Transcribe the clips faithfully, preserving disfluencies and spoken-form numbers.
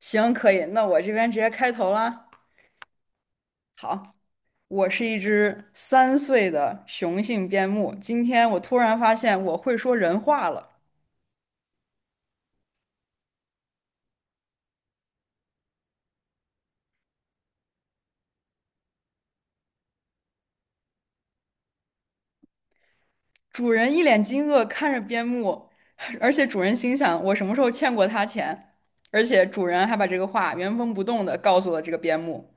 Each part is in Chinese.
行，可以，那我这边直接开头啦。好，我是一只三岁的雄性边牧。今天我突然发现我会说人话了。主人一脸惊愕看着边牧，而且主人心想：我什么时候欠过他钱？而且主人还把这个话原封不动的告诉了这个边牧。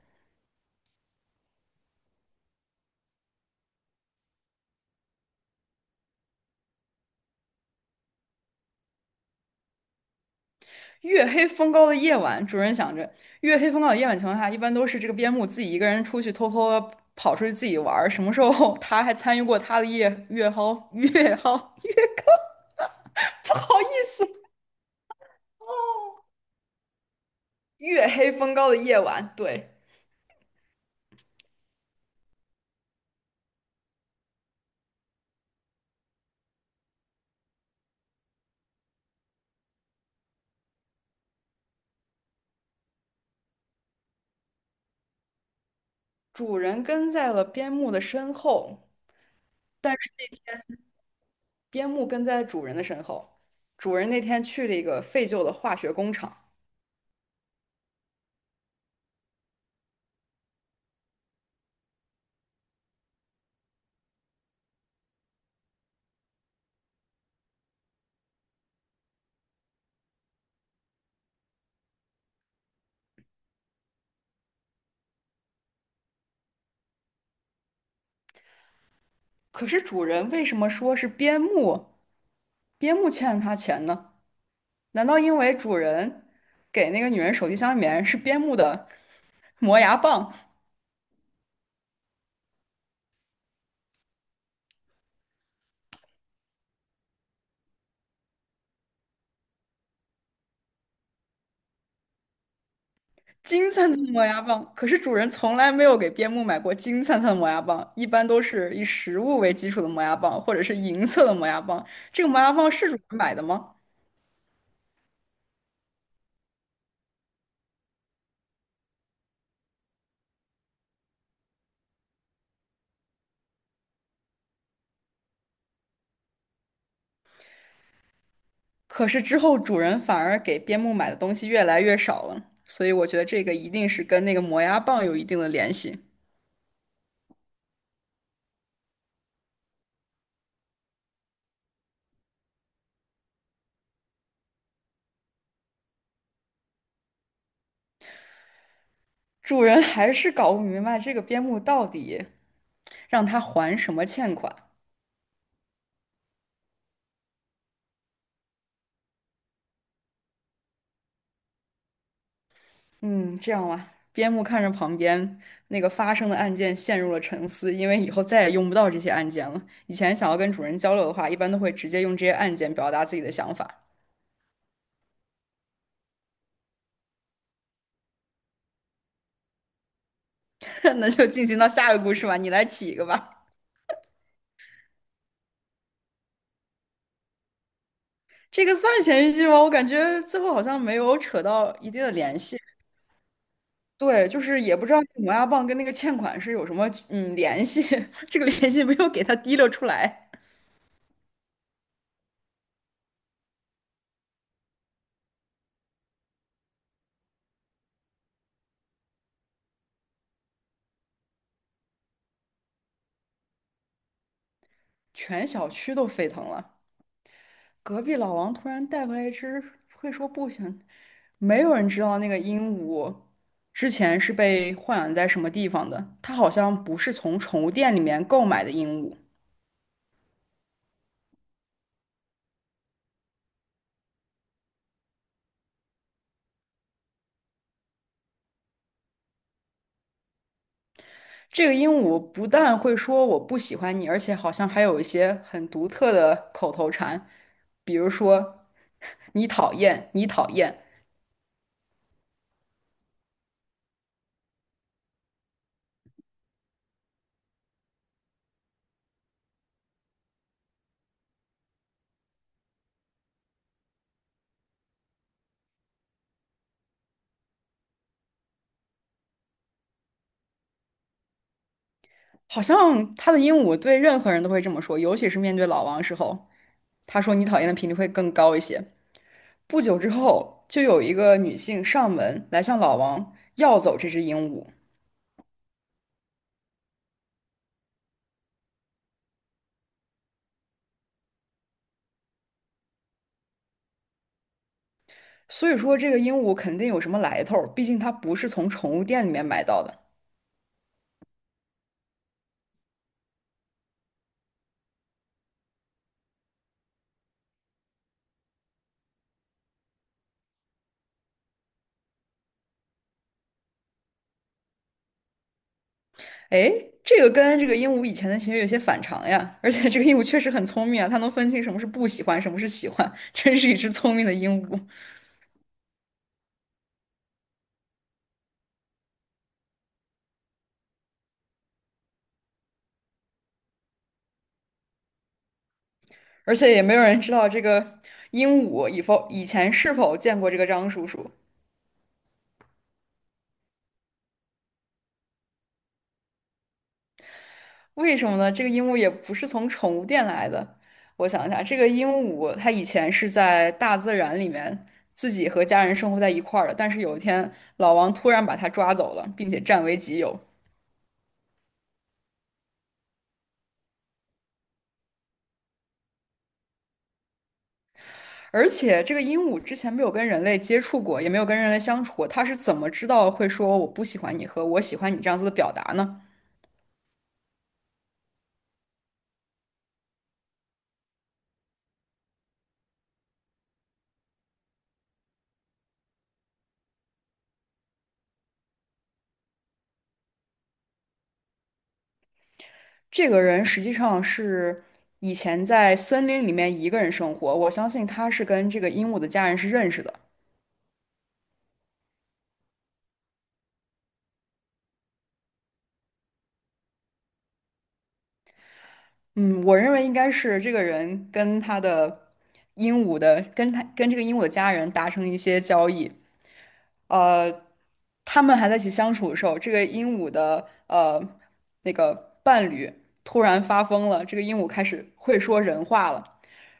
月黑风高的夜晚，主人想着，月黑风高的夜晚情况下，一般都是这个边牧自己一个人出去偷偷地跑出去自己玩儿。什么时候 他还参与过他的夜月蒿月蒿月高？不好意思，月黑风高的夜晚，对，主人跟在了边牧的身后，但是边牧跟在主人的身后。主人那天去了一个废旧的化学工厂，可是主人为什么说是边牧边牧欠了他钱呢？难道因为主人给那个女人手提箱里面是边牧的磨牙棒，金灿灿的磨牙棒？可是主人从来没有给边牧买过金灿灿的磨牙棒，一般都是以食物为基础的磨牙棒，或者是银色的磨牙棒。这个磨牙棒是主人买的吗？可是之后主人反而给边牧买的东西越来越少了，所以我觉得这个一定是跟那个磨牙棒有一定的联系。主人还是搞不明白这个边牧到底让他还什么欠款。嗯，这样吧，边牧看着旁边那个发生的案件陷入了沉思，因为以后再也用不到这些案件了。以前想要跟主人交流的话，一般都会直接用这些案件表达自己的想法。那就进行到下一个故事吧，你来起一个吧。这个算前一句吗？我感觉最后好像没有扯到一定的联系。对，就是也不知道这个磨牙棒跟那个欠款是有什么嗯联系，这个联系没有给他提溜出来，全小区都沸腾了。隔壁老王突然带回来一只会说不行，没有人知道那个鹦鹉之前是被豢养在什么地方的。它好像不是从宠物店里面购买的鹦鹉。这个鹦鹉不但会说我不喜欢你，而且好像还有一些很独特的口头禅，比如说你讨厌，你讨厌。好像它的鹦鹉对任何人都会这么说，尤其是面对老王时候，它说你讨厌的频率会更高一些。不久之后，就有一个女性上门来向老王要走这只鹦鹉，所以说这个鹦鹉肯定有什么来头毕竟它不是从宠物店里面买到的。哎，这个跟这个鹦鹉以前的行为有些反常呀，而且这个鹦鹉确实很聪明啊，它能分清什么是不喜欢，什么是喜欢，真是一只聪明的鹦鹉。而且也没有人知道这个鹦鹉以否以前是否见过这个张叔叔，为什么呢？这个鹦鹉也不是从宠物店来的。我想一下，这个鹦鹉它以前是在大自然里面自己和家人生活在一块儿的，但是有一天老王突然把它抓走了，并且占为己有。而且这个鹦鹉之前没有跟人类接触过，也没有跟人类相处过，它是怎么知道会说“我不喜欢你”和“我喜欢你”这样子的表达呢？这个人实际上是以前在森林里面一个人生活，我相信他是跟这个鹦鹉的家人是认识的。嗯，我认为应该是这个人跟他的鹦鹉的，跟他跟这个鹦鹉的家人达成一些交易，呃，他们还在一起相处的时候，这个鹦鹉的呃那个伴侣突然发疯了，这个鹦鹉开始会说人话了，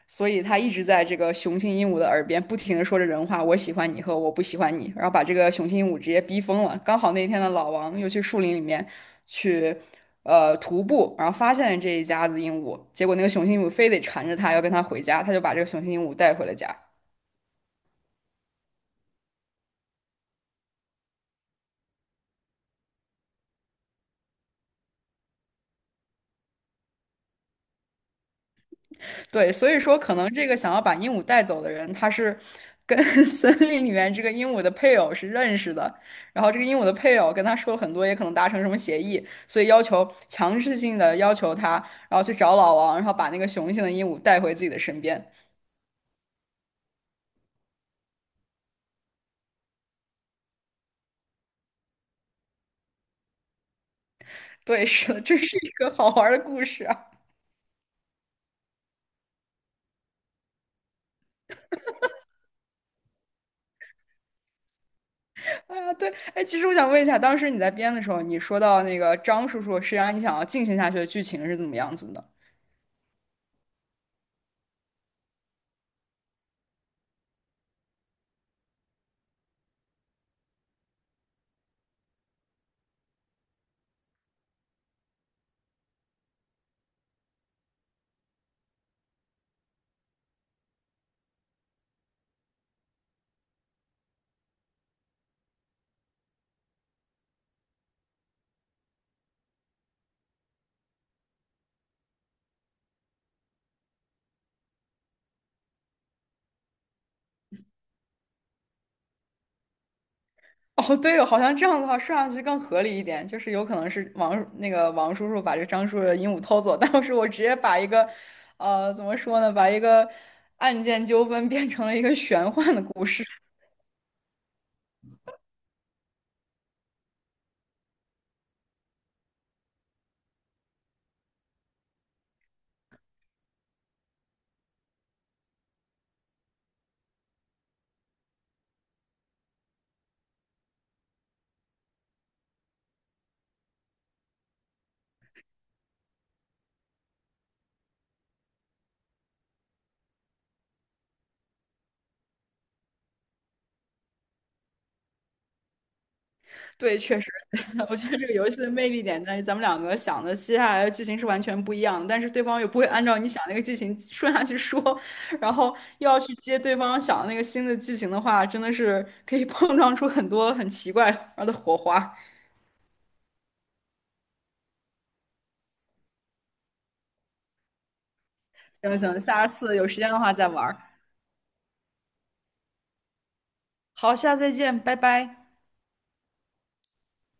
所以他一直在这个雄性鹦鹉的耳边不停的说着人话，我喜欢你和我不喜欢你，然后把这个雄性鹦鹉直接逼疯了。刚好那天的老王又去树林里面去呃徒步，然后发现了这一家子鹦鹉，结果那个雄性鹦鹉非得缠着他要跟他回家，他就把这个雄性鹦鹉带回了家。对，所以说可能这个想要把鹦鹉带走的人，他是跟 森林里面这个鹦鹉的配偶是认识的，然后这个鹦鹉的配偶跟他说了很多，也可能达成什么协议，所以要求强制性的要求他，然后去找老王，然后把那个雄性的鹦鹉带回自己的身边。对，是的，这是一个好玩儿的故事啊！哎呀对，哎，其实我想问一下，当时你在编的时候，你说到那个张叔叔，实际上你想要进行下去的剧情是怎么样子的？哦，对哦，好像这样的话说下去更合理一点，就是有可能是王那个王叔叔把这张叔叔的鹦鹉偷走，但是我直接把一个，呃，怎么说呢，把一个案件纠纷变成了一个玄幻的故事。对，确实，我觉得这个游戏的魅力点在于咱们两个想的接下来的剧情是完全不一样的，但是对方又不会按照你想那个剧情顺下去说，然后又要去接对方想的那个新的剧情的话，真的是可以 碰撞出很多很奇怪的火花。行行，下次有时间的话再玩儿。好，下次再见，拜拜。